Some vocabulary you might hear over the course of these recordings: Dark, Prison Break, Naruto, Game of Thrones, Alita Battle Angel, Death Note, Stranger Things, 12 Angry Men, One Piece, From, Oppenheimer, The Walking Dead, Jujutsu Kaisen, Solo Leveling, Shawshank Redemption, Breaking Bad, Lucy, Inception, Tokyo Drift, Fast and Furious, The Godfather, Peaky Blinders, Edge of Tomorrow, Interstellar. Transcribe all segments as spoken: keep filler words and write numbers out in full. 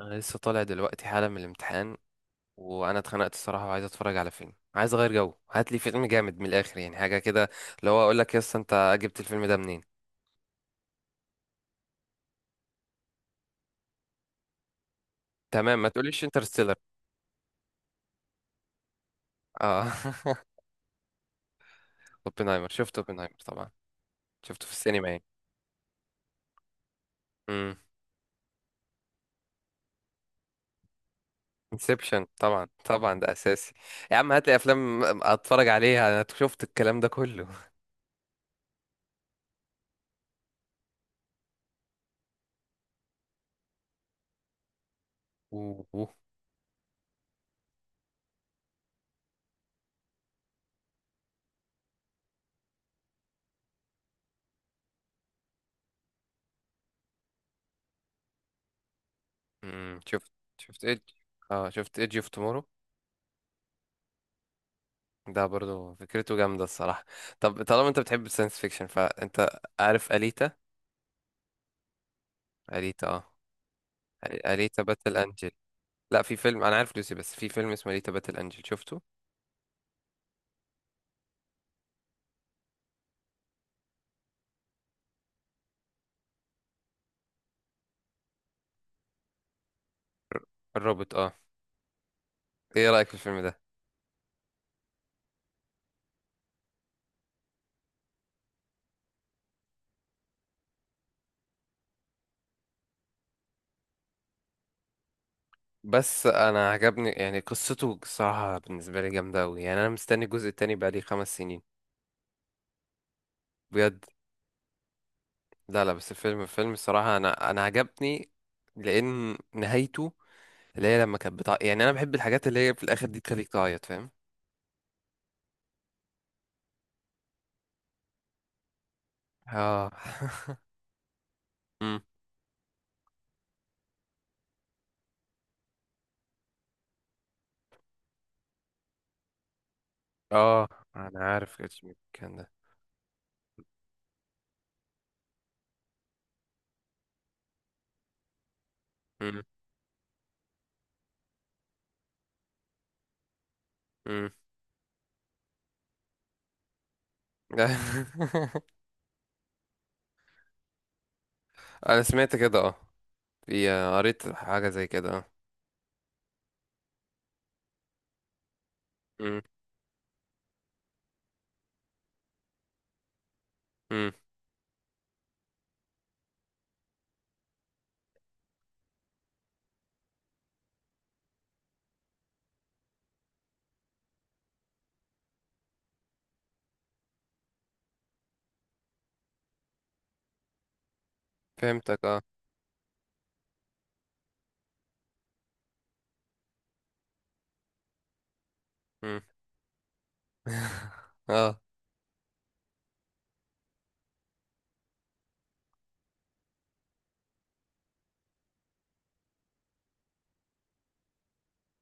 انا لسه طالع دلوقتي حالا من الامتحان. وانا اتخنقت الصراحه وعايز اتفرج على فيلم، عايز اغير جو. هات لي فيلم جامد من الاخر، يعني حاجه كده، اللي هو اقول لك يا اسطى انت جبت الفيلم ده منين؟ تمام، ما تقوليش انترستيلر. اه. اوبنهايمر، شفت اوبنهايمر طبعا. شفته في السينما يعني. امم. انسبشن، طبعا طبعا، ده اساسي. يا عم هات لي افلام اتفرج عليها، انا شفت الكلام ده كله. اوه. أمم، شفت. شفت ايدج. اه شفت ايدج اوف تومورو، ده برضو فكرته جامدة الصراحة. طب طالما انت بتحب الساينس فيكشن، فانت عارف أليتا؟ أليتا اه. أليتا باتل أنجل. لا، في فيلم انا عارف لوسي، بس في فيلم اسمه أليتا باتل أنجل، شفته؟ الروبوت اه. ايه رأيك في الفيلم ده؟ بس انا عجبني، يعني قصته الصراحة بالنسبة لي جامدة اوي. يعني انا مستني الجزء التاني بقالي خمس سنين، بجد. لا لا، بس الفيلم فيلم الصراحة انا انا عجبني. لان نهايته، اللي هي لما كانت بتاع، يعني انا بحب الحاجات اللي هي في الاخر دي تخليك تعيط، فاهم؟ اه. اه. انا عارف كاتش مي كان ده. مم. مم. انا سمعت كده اه. في آه، قريت حاجة زي كده اه. مم. مم. فهمتك اه. مم. اه.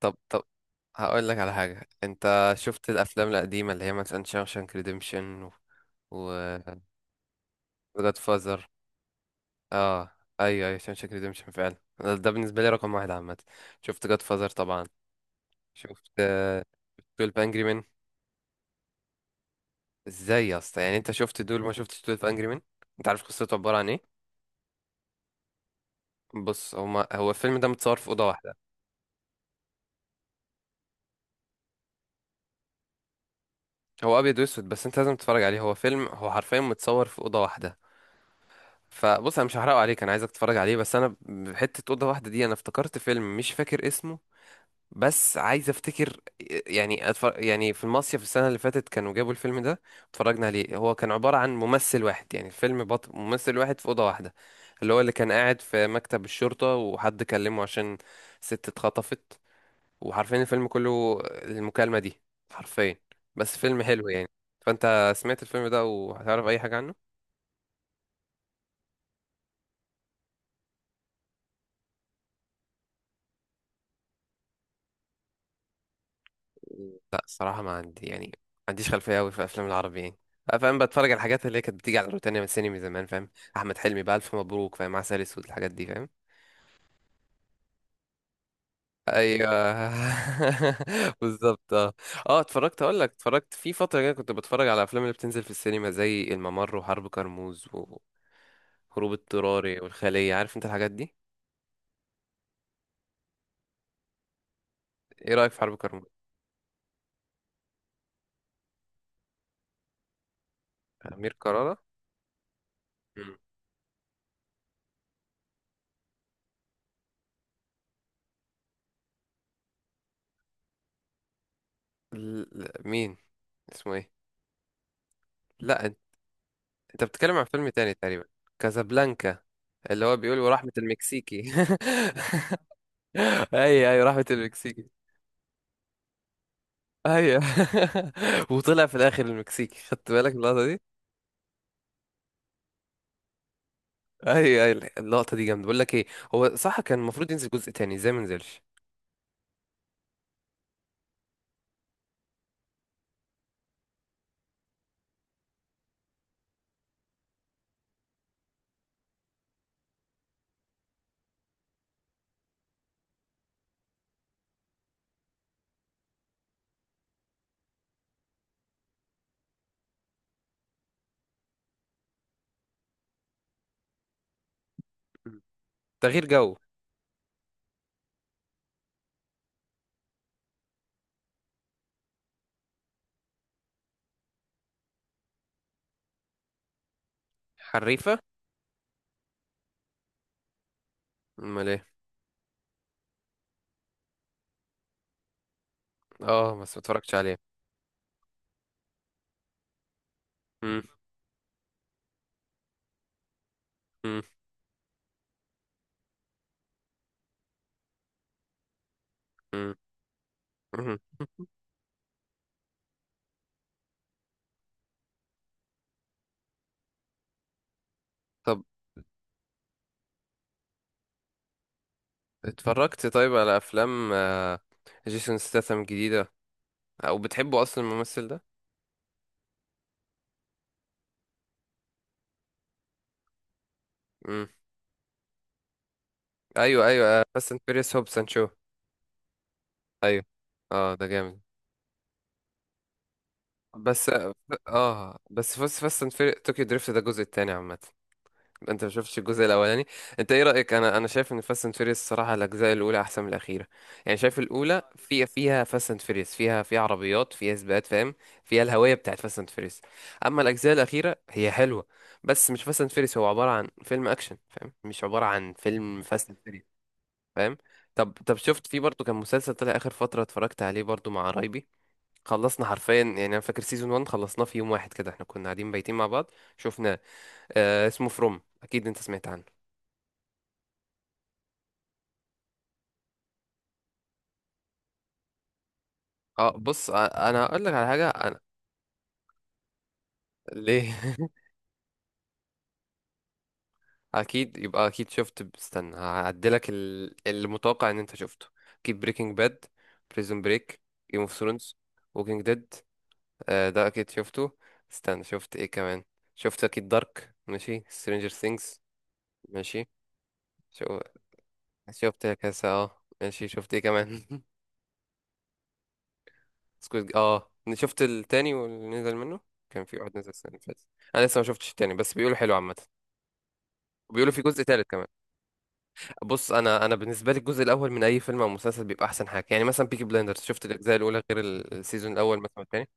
طب طب، هقول لك على حاجة، انت شفت الافلام القديمة اللي هي مثلا شاوشانك ريديمشن و، و جاد فازر؟ اه. ايوه ايوه، شاوشانك ريديمشن فعلا، ده ده بالنسبة لي رقم واحد عامة. شفت جاد فازر طبعا. شفت آه، twelve Angry Men؟ ازاي يا اسطى يعني انت شفت دول ما شفتش دول في انجري مان؟ انت عارف قصته عباره عن ايه؟ بص، هما هو الفيلم ده متصور في اوضه واحده. هو ابيض واسود، بس انت لازم تتفرج عليه، هو فيلم، هو حرفيا متصور في اوضه واحده. فبص، انا مش هحرقه عليك، انا عايزك تتفرج عليه. بس انا بحته اوضه واحده دي، انا افتكرت فيلم مش فاكر اسمه، بس عايز افتكر. يعني أتفر... يعني في المصيف السنه اللي فاتت كانوا جابوا الفيلم ده، اتفرجنا عليه. هو كان عباره عن ممثل واحد، يعني الفيلم بط... ممثل واحد في اوضه واحده، اللي هو اللي كان قاعد في مكتب الشرطه وحد كلمه عشان ست اتخطفت، وحرفيا الفيلم كله المكالمه دي، حرفيا. بس فيلم حلو يعني. فانت سمعت الفيلم ده وهتعرف اي حاجه عنه؟ لا الصراحه ما عندي، يعني ما عنديش خلفيه قوي في افلام العربي يعني. أه، فاهم، بتفرج على الحاجات اللي هي كانت بتيجي على روتانا من السينما زمان، فاهم. احمد حلمي بقى، الف مبروك فاهم، عسل اسود، الحاجات دي فاهم. ايوه. بالظبط اه. اه اتفرجت، اقول لك، اتفرجت في فتره كده كنت بتفرج على الافلام اللي بتنزل في السينما زي الممر وحرب كرموز وهروب اضطراري والخليه، عارف انت الحاجات دي. ايه رايك في حرب كرموز؟ امير كرارة. مم. ل- ل- مين؟ اسمه ايه؟ لا انت بتتكلم عن فيلم تاني تقريبا. كازابلانكا، اللي هو بيقول رحمة المكسيكي. ايوه ايوه، رحمة المكسيكي. ايوه. وطلع في الاخر المكسيكي، خدت بالك من اللقطة دي؟ ايوه ايوه اللقطة دي جامدة. بقول لك ايه، هو صح كان المفروض ينزل جزء تاني، ازاي ما نزلش؟ مم. تغيير جو. حريفة. امال ايه؟ اه بس ما اتفرجتش عليه. مم، مم، مم، مم. طب اتفرجت طيب على افلام آه، جيسون ستاثام جديدة؟ او بتحبه اصلا الممثل ده؟ ايوه ايوه، بس انت فيريس هوب سانشو. ايوه. اه ده جامد. بس اه، آه، بس فاست فاست اند فيريس طوكيو دريفت ده الجزء التاني عامه. انت ما شفتش الجزء الاولاني؟ انت ايه رايك، انا انا شايف ان فاست اند فيريس الصراحه الاجزاء الاولى احسن من الاخيره. يعني شايف الاولى فيها فيها فاست اند فيريس، فيها فيها عربيات، فيها سباقات، فاهم؟ فيها الهويه بتاعت فاست اند فيريس. اما الاجزاء الاخيره هي حلوه، بس مش فاست اند فيريس، هو عباره عن فيلم اكشن فاهم، مش عباره عن فيلم فاست اند. فاهم؟ طب طب، شفت في برضه كان مسلسل طلع اخر فتره، اتفرجت عليه برضه مع قرايبي، خلصنا حرفيا. يعني انا فاكر سيزون واحد خلصناه في يوم واحد كده، احنا كنا قاعدين بايتين مع بعض، شفناه. آه اسمه فروم، اكيد انت سمعت عنه. اه بص، آه، انا هقول لك على حاجه انا. ليه؟ اكيد يبقى، اكيد شفت، استنى هعدلك ال- المتوقع ان انت شفته. اكيد بريكنج باد، بريزون بريك، جيم اوف ثرونز. ووكينج ديد، ده اكيد شفته. استنى شفت ايه كمان؟ شفت اكيد دارك، ماشي، سترينجر ثينجز؟ ماشي. شو؟ شفت كاسة، اه ماشي. شفت ايه كمان؟ سكوت، اه شفت التاني واللي نزل منه، كان في واحد نزل السنة اللي فاتت. انا لسه ما شفتش التاني بس بيقولوا حلو عامة. بيقولوا في جزء تالت كمان. بص، انا انا بالنسبة لي الجزء الاول من اي فيلم او مسلسل بيبقى احسن حاجة. يعني مثلا بيكي بلايندرز، شفت الاجزاء الاولى غير ال- السيزون الاول مثلا التاني.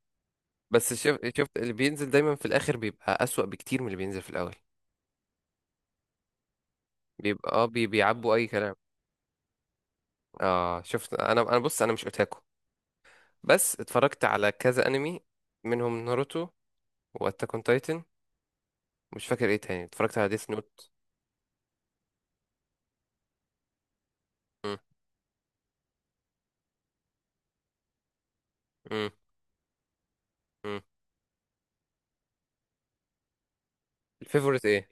بس شفت شفت اللي بينزل دايما في الاخر بيبقى اسوأ بكتير من اللي بينزل في الاول. بيبقى اه، بي- بيعبوا اي كلام. اه شفت، انا انا بص انا مش اوتاكو، بس اتفرجت على كذا انمي، منهم ناروتو، واتاك اون تايتن. مش فاكر ايه تاني، اتفرجت على ديث نوت. الفيفوريت ايه؟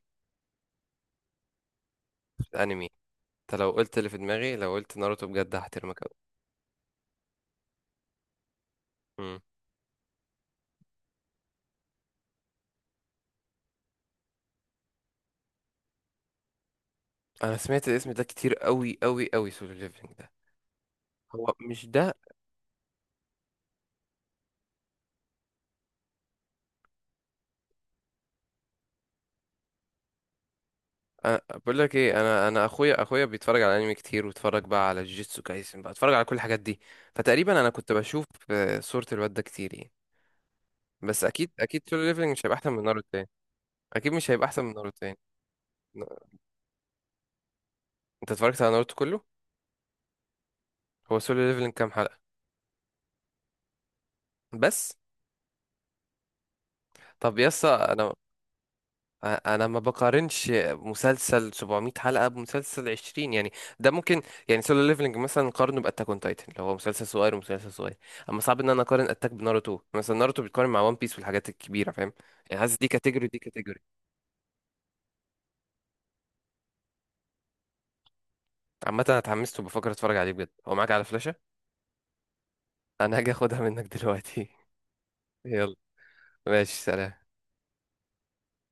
الانمي. انت لو قلت اللي في دماغي، لو قلت ناروتو بجد هحترمك قوي. مم. انا سمعت الاسم ده كتير قوي قوي قوي، سولو ليفلينج ده. هو مش ده؟ أنا بقول لك ايه، انا انا اخويا اخويا بيتفرج على انمي كتير، واتفرج بقى على جيتسو كايسن، بقى اتفرج على كل الحاجات دي. فتقريبا انا كنت بشوف آه، صورة الواد ده كتير يعني. بس اكيد اكيد سولو ليفلينج مش هيبقى احسن من ناروتو تاني. اكيد مش هيبقى احسن من ناروتو تاني. انت اتفرجت على ناروتو كله؟ هو سولو ليفلينج كام حلقة؟ بس؟ طب يا اسطى انا، انا ما بقارنش مسلسل سبعمائة حلقه بمسلسل عشرين يعني، ده ممكن. يعني سولو ليفلنج مثلا نقارنه باتاك اون تايتن، لو هو مسلسل صغير ومسلسل صغير. اما صعب ان انا اقارن اتاك بناروتو مثلا، ناروتو بيتقارن مع وان بيس والحاجات الكبيره، فاهم؟ يعني حاسس دي كاتيجوري، دي كاتيجوري. عامه انا اتحمست وبفكر اتفرج عليه بجد. هو معاك على فلاشه؟ انا هاجي اخدها منك دلوقتي. يلا. ماشي سلام.